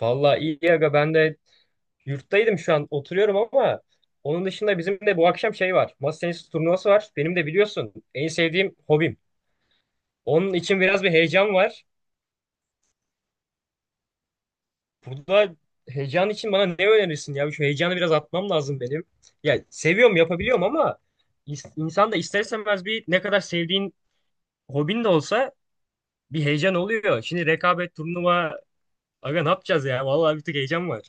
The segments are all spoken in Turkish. Vallahi iyi aga ben de yurttaydım şu an oturuyorum ama onun dışında bizim de bu akşam şey var. Masa tenisi turnuvası var. Benim de biliyorsun en sevdiğim hobim. Onun için biraz bir heyecan var. Burada heyecan için bana ne önerirsin ya? Şu heyecanı biraz atmam lazım benim. Ya seviyorum yapabiliyorum ama insan da ister istemez bir ne kadar sevdiğin hobin de olsa bir heyecan oluyor. Şimdi rekabet turnuva aga ne yapacağız ya? Vallahi bir tık heyecan var.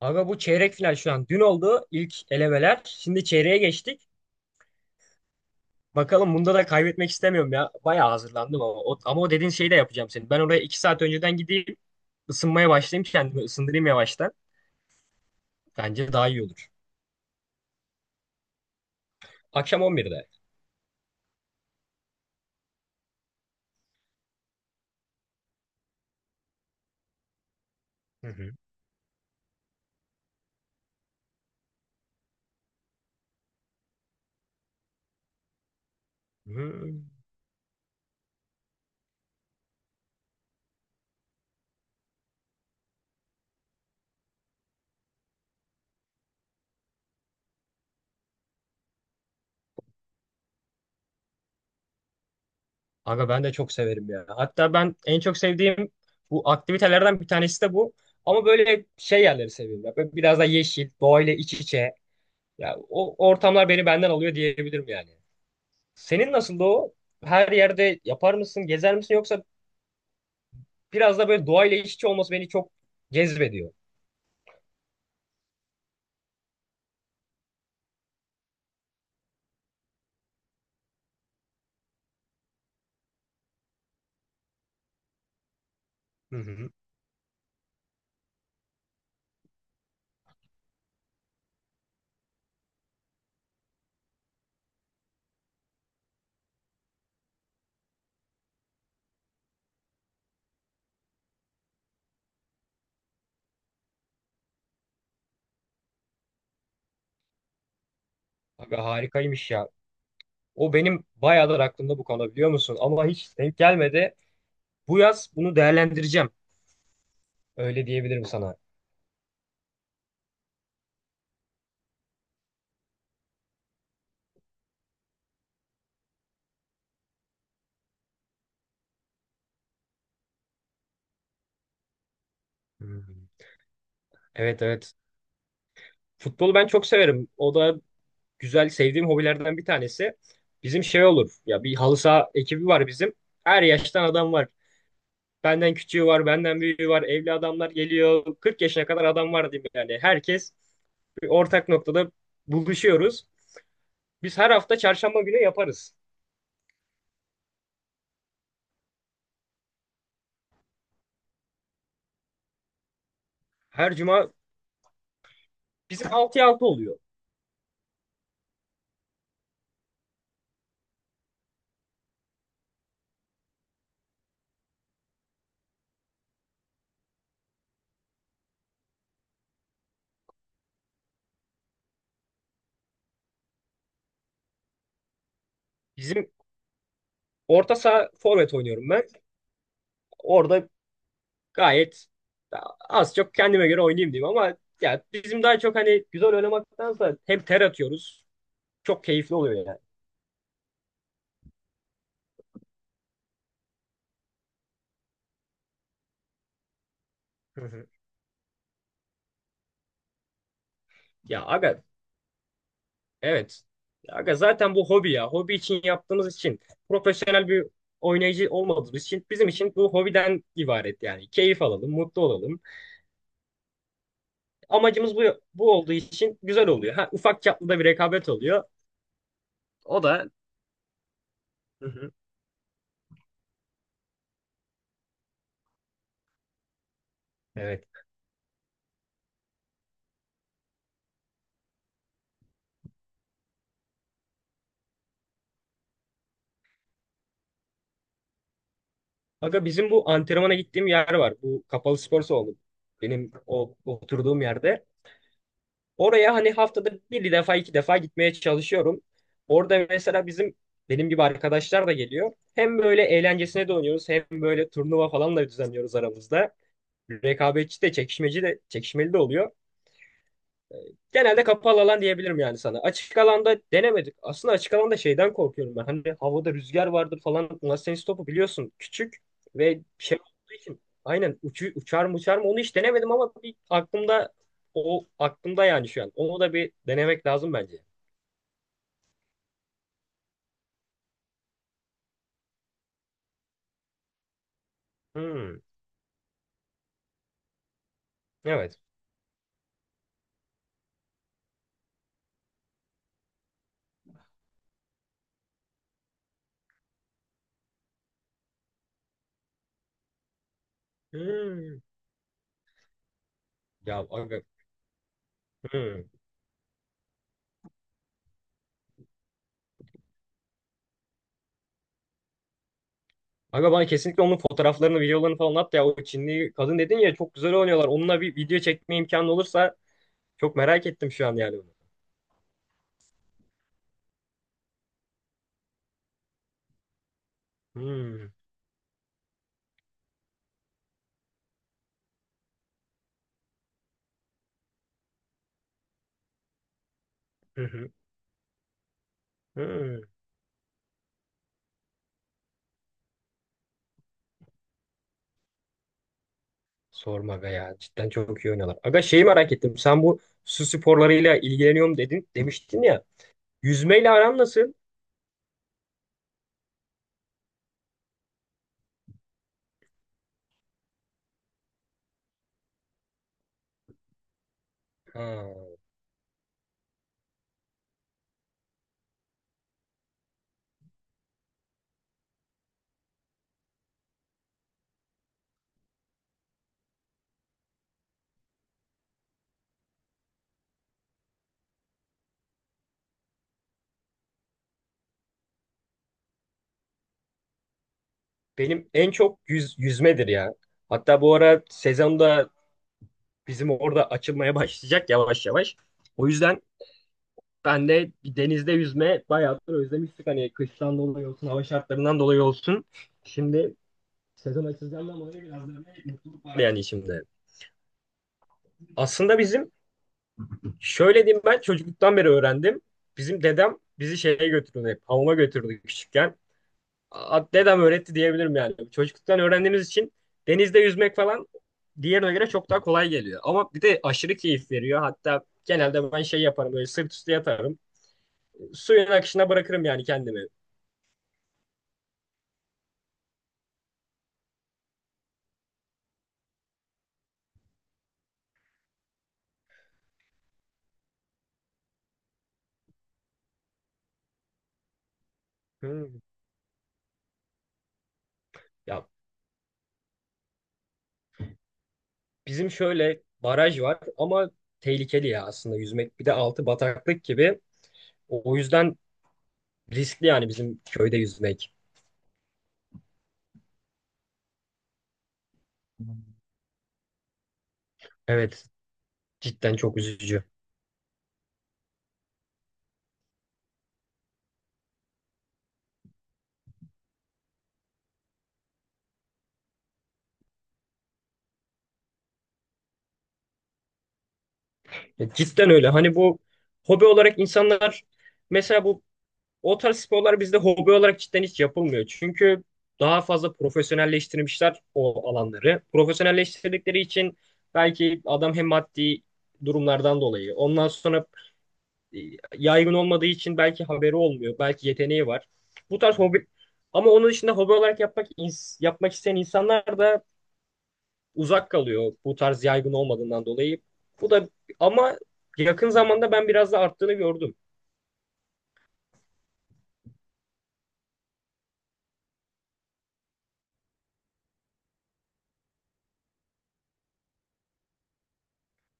Aga bu çeyrek final şu an. Dün oldu ilk elemeler. Şimdi çeyreğe geçtik. Bakalım bunda da kaybetmek istemiyorum ya. Bayağı hazırlandım ama o dediğin şeyi de yapacağım senin. Ben oraya 2 saat önceden gideyim. Isınmaya başlayayım. Kendimi ısındırayım yavaştan. Bence daha iyi olur. Akşam 11'de. Hı hı. Hı. Aga ben de çok severim ya. Hatta ben en çok sevdiğim bu aktivitelerden bir tanesi de bu. Ama böyle şey yerleri seviyorum ya. Böyle biraz da yeşil, doğayla iç içe. Ya o ortamlar beni benden alıyor diyebilirim yani. Senin nasıl o? Her yerde yapar mısın, gezer misin yoksa biraz da böyle doğayla iç içe olması beni çok cezbediyor. Hı hı. Aga harikaymış ya. O benim bayağıdır aklımda bu konu biliyor musun? Ama hiç denk gelmedi. Bu yaz bunu değerlendireceğim. Öyle diyebilirim sana. Hı. Evet, evet. Futbolu ben çok severim. O da güzel sevdiğim hobilerden bir tanesi. Bizim şey olur. Ya bir halı saha ekibi var bizim. Her yaştan adam var. Benden küçüğü var, benden büyüğü var. Evli adamlar geliyor. 40 yaşına kadar adam var diyeyim yani. Herkes bir ortak noktada buluşuyoruz. Biz her hafta çarşamba günü yaparız. Her cuma bizim 6'ya altı oluyor. Bizim orta saha forvet oynuyorum ben. Orada gayet az çok kendime göre oynayayım diyeyim ama ya bizim daha çok hani güzel oynamaktansa hem ter atıyoruz. Çok keyifli oluyor yani. Hı hı. Ya aga. Evet. Aga zaten bu hobi ya. Hobi için yaptığımız için profesyonel bir oynayıcı olmadığımız için bizim için bu hobiden ibaret yani. Keyif alalım, mutlu olalım. Amacımız bu. Bu olduğu için güzel oluyor. Ha, ufak çaplı da bir rekabet oluyor. O da. Hı hı. Evet. Aga bizim bu antrenmana gittiğim yer var. Bu kapalı spor salonu. Benim o oturduğum yerde. Oraya hani haftada bir defa 2 defa gitmeye çalışıyorum. Orada mesela bizim benim gibi arkadaşlar da geliyor. Hem böyle eğlencesine de oynuyoruz hem böyle turnuva falan da düzenliyoruz aramızda. Rekabetçi de çekişmeci de çekişmeli de oluyor. Genelde kapalı alan diyebilirim yani sana. Açık alanda denemedik. Aslında açık alanda şeyden korkuyorum ben. Hani havada rüzgar vardır falan. Masa tenisi topu biliyorsun küçük ve şey olduğu için. Aynen uçar mı uçar mı onu hiç denemedim ama bir aklımda o aklımda yani şu an. Onu da bir denemek lazım bence. Hmm, evet. Hmm. Ya aga. Hmm. Aga bana kesinlikle onun fotoğraflarını, videolarını falan at ya. O Çinli kadın dedin ya çok güzel oynuyorlar. Onunla bir video çekme imkanı olursa çok merak ettim şu an yani, bunu. Hmm. Hmm, Sorma be ya. Cidden çok iyi oynuyorlar. Aga şeyi merak ettim. Sen bu su sporlarıyla ilgileniyorum dedin, demiştin ya. Yüzmeyle aran nasıl? Ha, benim en çok yüzmedir ya. Hatta bu ara sezonda bizim orada açılmaya başlayacak yavaş yavaş. O yüzden ben de bir denizde yüzme bayağıdır özlemiştik. Hani kıştan dolayı olsun, hava şartlarından dolayı olsun. Şimdi var yani şimdi. Aslında bizim, şöyle diyeyim ben çocukluktan beri öğrendim. Bizim dedem bizi şeye götürdü hep. Hamama götürdü küçükken. Dedem öğretti diyebilirim yani. Çocukluktan öğrendiğimiz için denizde yüzmek falan diğerine göre çok daha kolay geliyor. Ama bir de aşırı keyif veriyor. Hatta genelde ben şey yaparım böyle sırt üstü yatarım. Suyun akışına bırakırım yani kendimi. Hmm. Ya bizim şöyle baraj var ama tehlikeli ya aslında yüzmek. Bir de altı bataklık gibi. O yüzden riskli yani bizim köyde yüzmek. Evet. Cidden çok üzücü. Ya cidden öyle. Hani bu hobi olarak insanlar mesela bu o tarz sporlar bizde hobi olarak cidden hiç yapılmıyor. Çünkü daha fazla profesyonelleştirmişler o alanları. Profesyonelleştirdikleri için belki adam hem maddi durumlardan dolayı ondan sonra e, yaygın olmadığı için belki haberi olmuyor. Belki yeteneği var. Bu tarz hobi ama onun dışında hobi olarak yapmak yapmak isteyen insanlar da uzak kalıyor bu tarz yaygın olmadığından dolayı. Bu da ama yakın zamanda ben biraz da arttığını gördüm.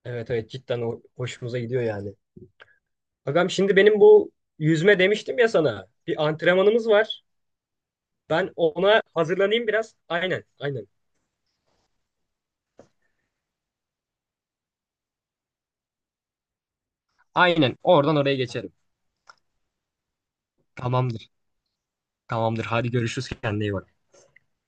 Evet, evet cidden hoşumuza gidiyor yani. Agam şimdi benim bu yüzme demiştim ya sana. Bir antrenmanımız var. Ben ona hazırlanayım biraz. Aynen, aynen. Aynen oradan oraya geçerim. Tamamdır. Tamamdır. Hadi görüşürüz. Kendine iyi bak.